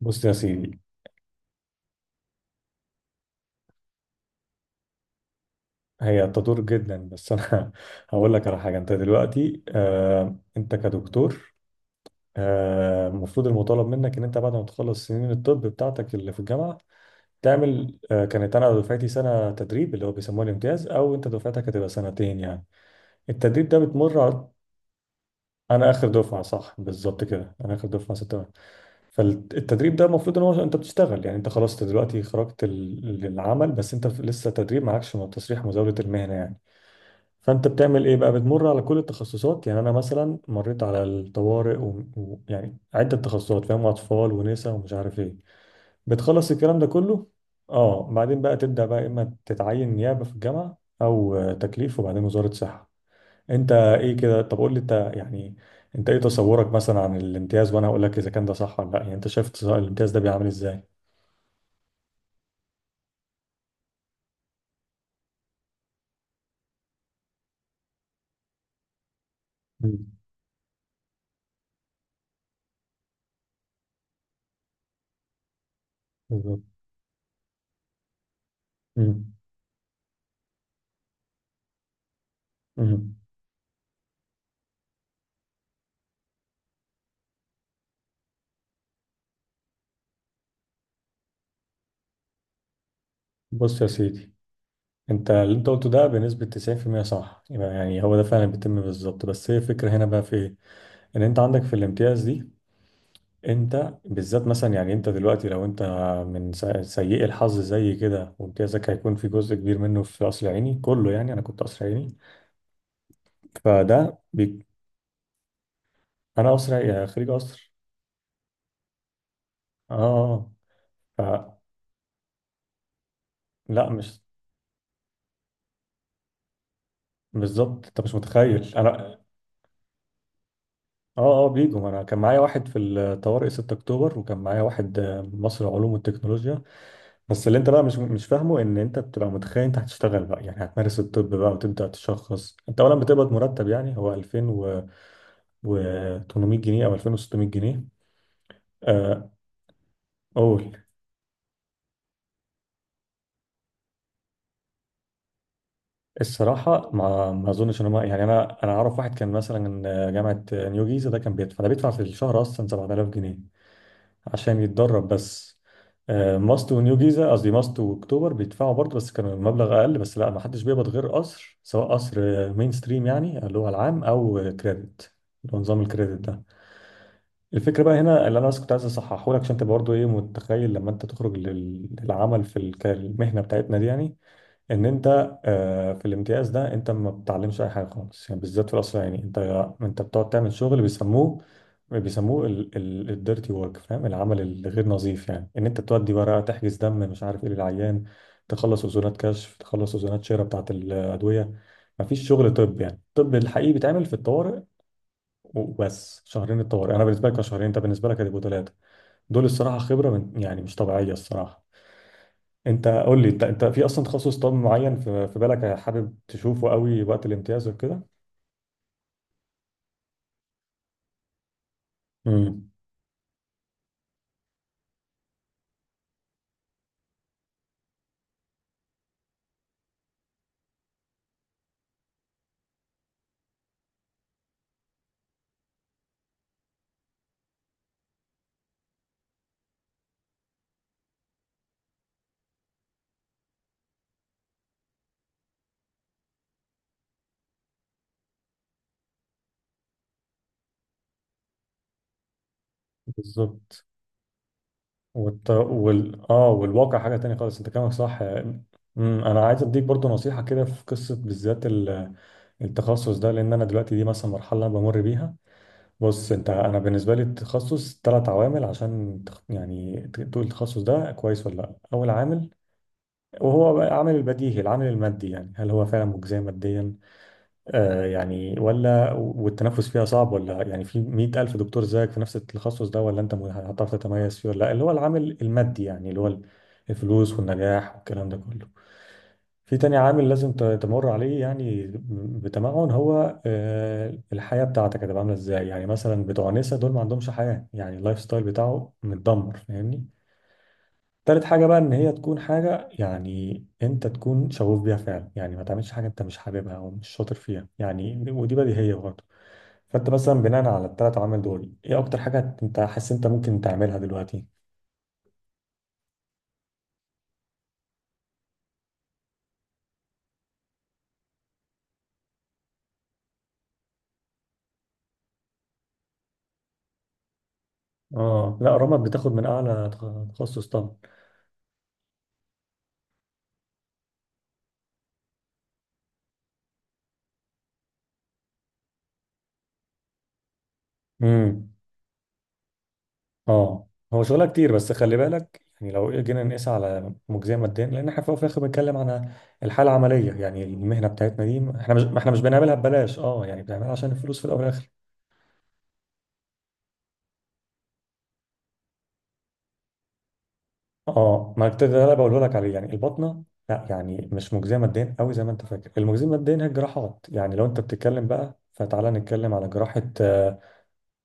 بص يا سيدي. هي تدور جدا، بس انا هقول لك على حاجه. انت دلوقتي انت كدكتور المفروض المطالب منك ان انت بعد ما تخلص سنين الطب بتاعتك اللي في الجامعه تعمل كانت انا دفعتي سنه تدريب اللي هو بيسموه الامتياز، او انت دفعتك هتبقى سنتين يعني. التدريب ده بتمر على- انا اخر دفعه، صح، بالظبط كده، انا اخر دفعه ستة. فالتدريب ده المفروض ان هو انت بتشتغل، يعني انت خلاص أنت دلوقتي خرجت للعمل، بس انت لسه تدريب، معكش تصريح مزاوله المهنه يعني. فانت بتعمل ايه بقى؟ بتمر على كل التخصصات يعني. انا مثلا مريت على الطوارئ، ويعني و... يعني عده تخصصات، فاهم، اطفال ونساء ومش عارف ايه، بتخلص الكلام ده كله. اه، بعدين بقى تبدا بقى اما تتعين نيابه في الجامعه او تكليف وبعدين وزاره صحه. انت ايه كده؟ طب قول لي انت يعني انت ايه تصورك مثلا عن الامتياز، وانا هقول لك اذا كان ده صح ولا لا. يعني انت شايف الامتياز ده بيعمل ازاي؟ مم. بالظبط. مم. مم. بص يا سيدي، انت اللي انت قلته ده بنسبة 90% صح، يبقى يعني هو ده فعلا بيتم بالظبط. بس هي الفكرة هنا بقى في ايه؟ ان انت عندك في الامتياز دي، انت بالذات مثلا، يعني انت دلوقتي لو انت من سيئي الحظ زي كده، وامتيازك هيكون في جزء كبير منه في قصر عيني، كله يعني انا كنت قصر عيني. فده بي... انا قصر عيني- خريج قصر. اه اه. فلا مش بالظبط، انت مش متخيل انا. اه اه بيجوا. ما انا كان معايا واحد في الطوارئ 6 اكتوبر، وكان معايا واحد مصر العلوم والتكنولوجيا. بس اللي انت بقى مش فاهمه، ان انت بتبقى متخيل انت هتشتغل بقى، يعني هتمارس الطب بقى وتبدا تشخص. انت اولا بتقبض مرتب، يعني هو 2000 و و 800 جنيه او 2600 جنيه. آه، اول الصراحه ما اظنش ان هم، يعني انا انا اعرف واحد كان مثلا من جامعه نيو جيزه، ده كان بيدفع، ده بيدفع في الشهر اصلا 7000 جنيه عشان يتدرب بس. ماست ونيو جيزة، قصدي ماست واكتوبر، بيدفعوا برضه، بس كان المبلغ أقل. بس لا، ما حدش بيقبض غير قصر، سواء قصر مين ستريم يعني اللي هو العام، أو كريدت، اللي هو نظام الكريدت ده. الفكرة بقى هنا اللي أنا بس كنت عايز أصححه لك، عشان أنت برضه إيه متخيل لما أنت تخرج للعمل في المهنة بتاعتنا دي يعني، ان انت في الامتياز ده انت ما بتتعلمش اي حاجه خالص، يعني بالذات في الاسرائيلي، انت بتقعد تعمل شغل بيسموه الديرتي ورك، فاهم، العمل الغير نظيف، يعني ان انت تودي ورقه، تحجز دم، مش عارف ايه للعيان، تخلص اذونات كشف، تخلص اذونات شراء بتاعه الادويه. ما فيش شغل طب، يعني الطب الحقيقي بيتعمل في الطوارئ وبس. شهرين الطوارئ انا بالنسبه لك كانوا شهرين، انت بالنسبه لك هتبقوا ثلاثه. دول الصراحه خبره من يعني مش طبيعيه الصراحه. انت قول لي انت، انت في اصلا تخصص طب معين في بالك حابب تشوفه قوي وقت الامتياز وكده؟ امم. بالظبط. والت... وال... اه والواقع حاجه تانية خالص. انت كلامك صح. امم. انا عايز اديك برضو نصيحه كده في قصه بالذات التخصص ده، لان انا دلوقتي دي مثلا مرحله انا بمر بيها. بص انت، انا بالنسبه لي التخصص ثلاث عوامل عشان يعني تقول التخصص ده كويس ولا لا. اول عامل، وهو بقى عامل البديهي، العامل المادي، يعني هل هو فعلا مجزي ماديا يعني، ولا والتنفس فيها صعب، ولا يعني في 100 ألف دكتور زيك في نفس التخصص ده، ولا أنت هتعرف تتميز فيه ولا لا؟ اللي هو العامل المادي، يعني اللي هو الفلوس والنجاح والكلام ده كله. في تاني عامل لازم تمر عليه يعني بتمعن، هو الحياة بتاعتك هتبقى عاملة ازاي؟ يعني مثلا بتوع نسا دول ما عندهمش حياة، يعني اللايف ستايل بتاعه متدمر، فاهمني. تالت حاجة بقى، إن هي تكون حاجة يعني أنت تكون شغوف بيها فعلا، يعني ما تعملش حاجة أنت مش حاببها أو مش شاطر فيها يعني، ودي بديهية. فانت مثلا بناء على الثلاث عوامل دول، ايه اكتر حاجه انت حاسس انت ممكن تعملها دلوقتي؟ اه، لا رمد بتاخد من اعلى تخصص طبعا. امم. اه هو شغلها كتير، بس خلي بالك، يعني لو جينا نقيس على مجزيه ماديا، لان احنا في الأول وفي الاخر بنتكلم عن الحاله العمليه، يعني المهنه بتاعتنا دي احنا مش، احنا مش بنعملها ببلاش، اه يعني بنعملها عشان الفلوس في الاول والاخر. اه، ما كنت ده انا بقوله لك عليه يعني، البطنه لا يعني مش مجزيه ماديا قوي زي ما انت فاكر. المجزيه ماديا هي الجراحات، يعني لو انت بتتكلم بقى، فتعالى نتكلم على جراحه.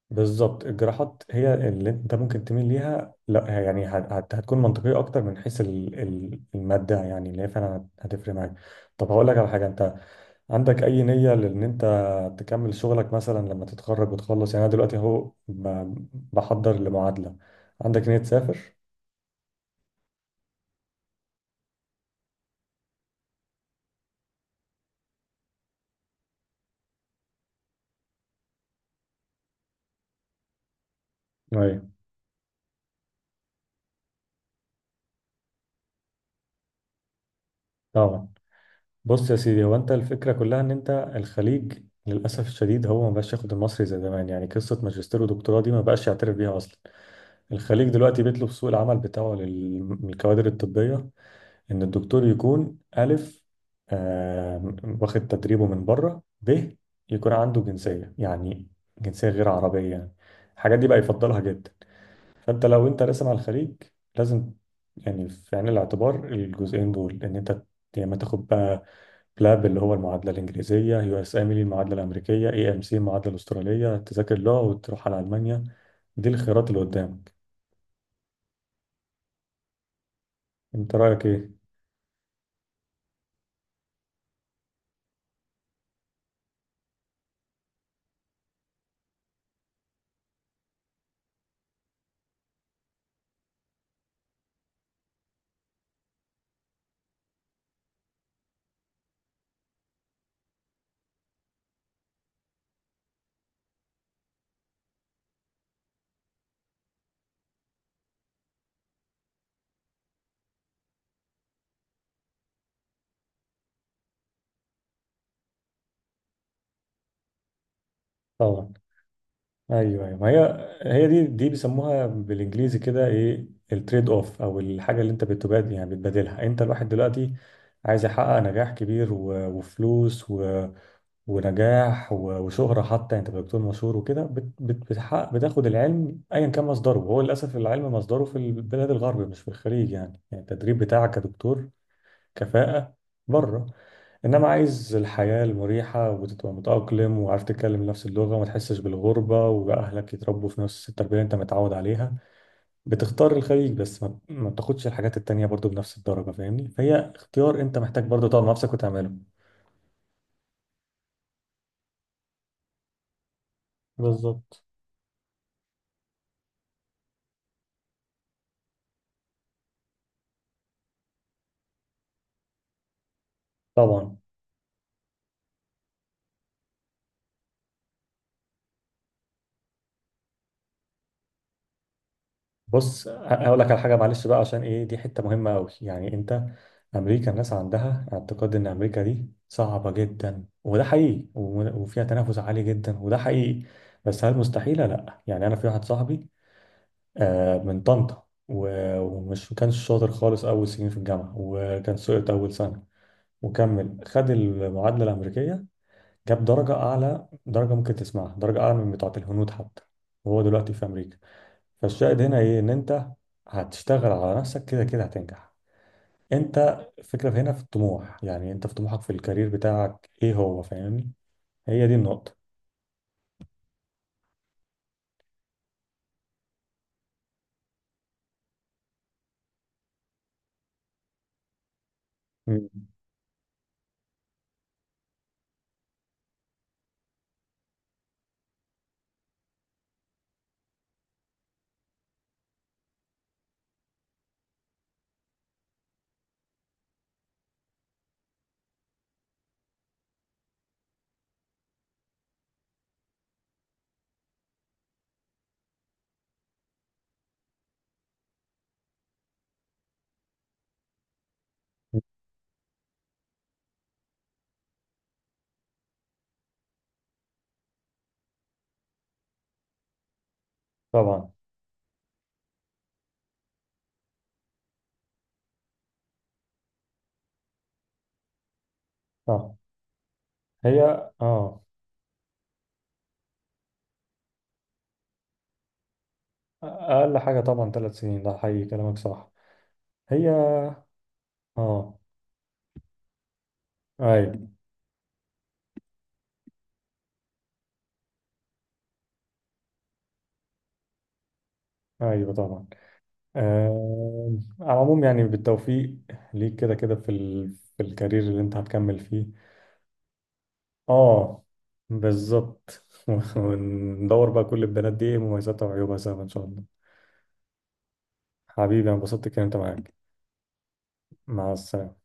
بالظبط، الجراحات هي اللي انت ممكن تميل ليها، لا هي يعني هتكون منطقيه اكتر من حيث الماده، يعني اللي هي فعلا هتفرق معاك. طب هقول لك على حاجه، انت عندك اي نيه لان انت تكمل شغلك مثلا لما تتخرج وتخلص؟ يعني انا دلوقتي اهو بحضر لمعادله. عندك نيه تسافر؟ ايوه طبعا. بص يا سيدي، هو انت الفكره كلها ان انت الخليج للاسف الشديد هو ما بقاش ياخد المصري زي زمان، يعني قصه ماجستير ودكتوراه دي ما بقاش يعترف بيها اصلا. الخليج دلوقتي بيطلب سوق العمل بتاعه للكوادر الطبية، إن الدكتور يكون ألف آه، واخد تدريبه من بره، ب يكون عنده جنسية يعني، جنسية غير عربية يعني. الحاجات دي بقى يفضلها جدا. فأنت لو أنت راسم على الخليج لازم يعني في عين الاعتبار الجزئين دول. إن أنت يا إما تاخد بقى بلاب اللي هو المعادلة الإنجليزية، يو إس إم المعادلة الأمريكية، اي ام سي المعادلة الأسترالية، تذاكر لغة وتروح على ألمانيا. دي الخيارات اللي قدامك. أنت رأيك إيه؟ طبعا. ايوه ايوه، ما هي هي دي بيسموها بالانجليزي كده ايه، التريد اوف، او الحاجه اللي انت بتبادل، يعني بتبادلها. انت الواحد دلوقتي عايز يحقق نجاح كبير و- وفلوس و... ونجاح و... وشهره حتى. يعني انت دكتور مشهور وكده بتحقق، بتاخد العلم ايا كان مصدره، وهو للاسف العلم مصدره في البلاد الغرب مش في الخليج يعني، التدريب بتاعك كدكتور كفاءة بره. انما عايز الحياة المريحة وتبقى متأقلم وعارف تتكلم نفس اللغة، وما تحسش بالغربة، واهلك يتربوا في نفس التربية اللي انت متعود عليها، بتختار الخليج. بس ما بتاخدش الحاجات التانية برضو بنفس الدرجة، فاهمني. فهي اختيار انت محتاج برضو تقعد مع نفسك وتعمله. بالظبط. طبعا. بص هقول لك على حاجه، معلش بقى عشان ايه دي حته مهمه قوي يعني. انت امريكا الناس عندها اعتقاد ان امريكا دي صعبه جدا، وده حقيقي، وفيها تنافس عالي جدا وده حقيقي، بس هل مستحيله؟ لا. يعني انا في واحد صاحبي من طنطا، ومش كانش شاطر خالص اول سنين في الجامعه، وكان سقط اول سنه، وكمل خد المعادله الامريكيه، جاب درجه اعلى درجه ممكن تسمعها، درجه اعلى من بتاعه الهنود حتى، وهو دلوقتي في امريكا. فالشاهد هنا ايه؟ ان انت هتشتغل على نفسك كده كده هتنجح. انت الفكرة هنا في الطموح، يعني انت في طموحك في الكارير بتاعك ايه هو؟ فاهمني، هي دي النقطة. مم. طبعا. اه. هي. اه. اقل حاجة طبعا ثلاث سنين، ده حقيقي كلامك صح. هي. اه. ايوه. ايوه. طبعا. آه. على العموم يعني بالتوفيق ليك، كده كده في في الكارير اللي انت هتكمل فيه. اه بالظبط. وندور بقى كل البنات دي ايه مميزاتها وعيوبها سوا ان شاء الله. حبيبي انا انبسطت الكلام معاك. مع السلامة.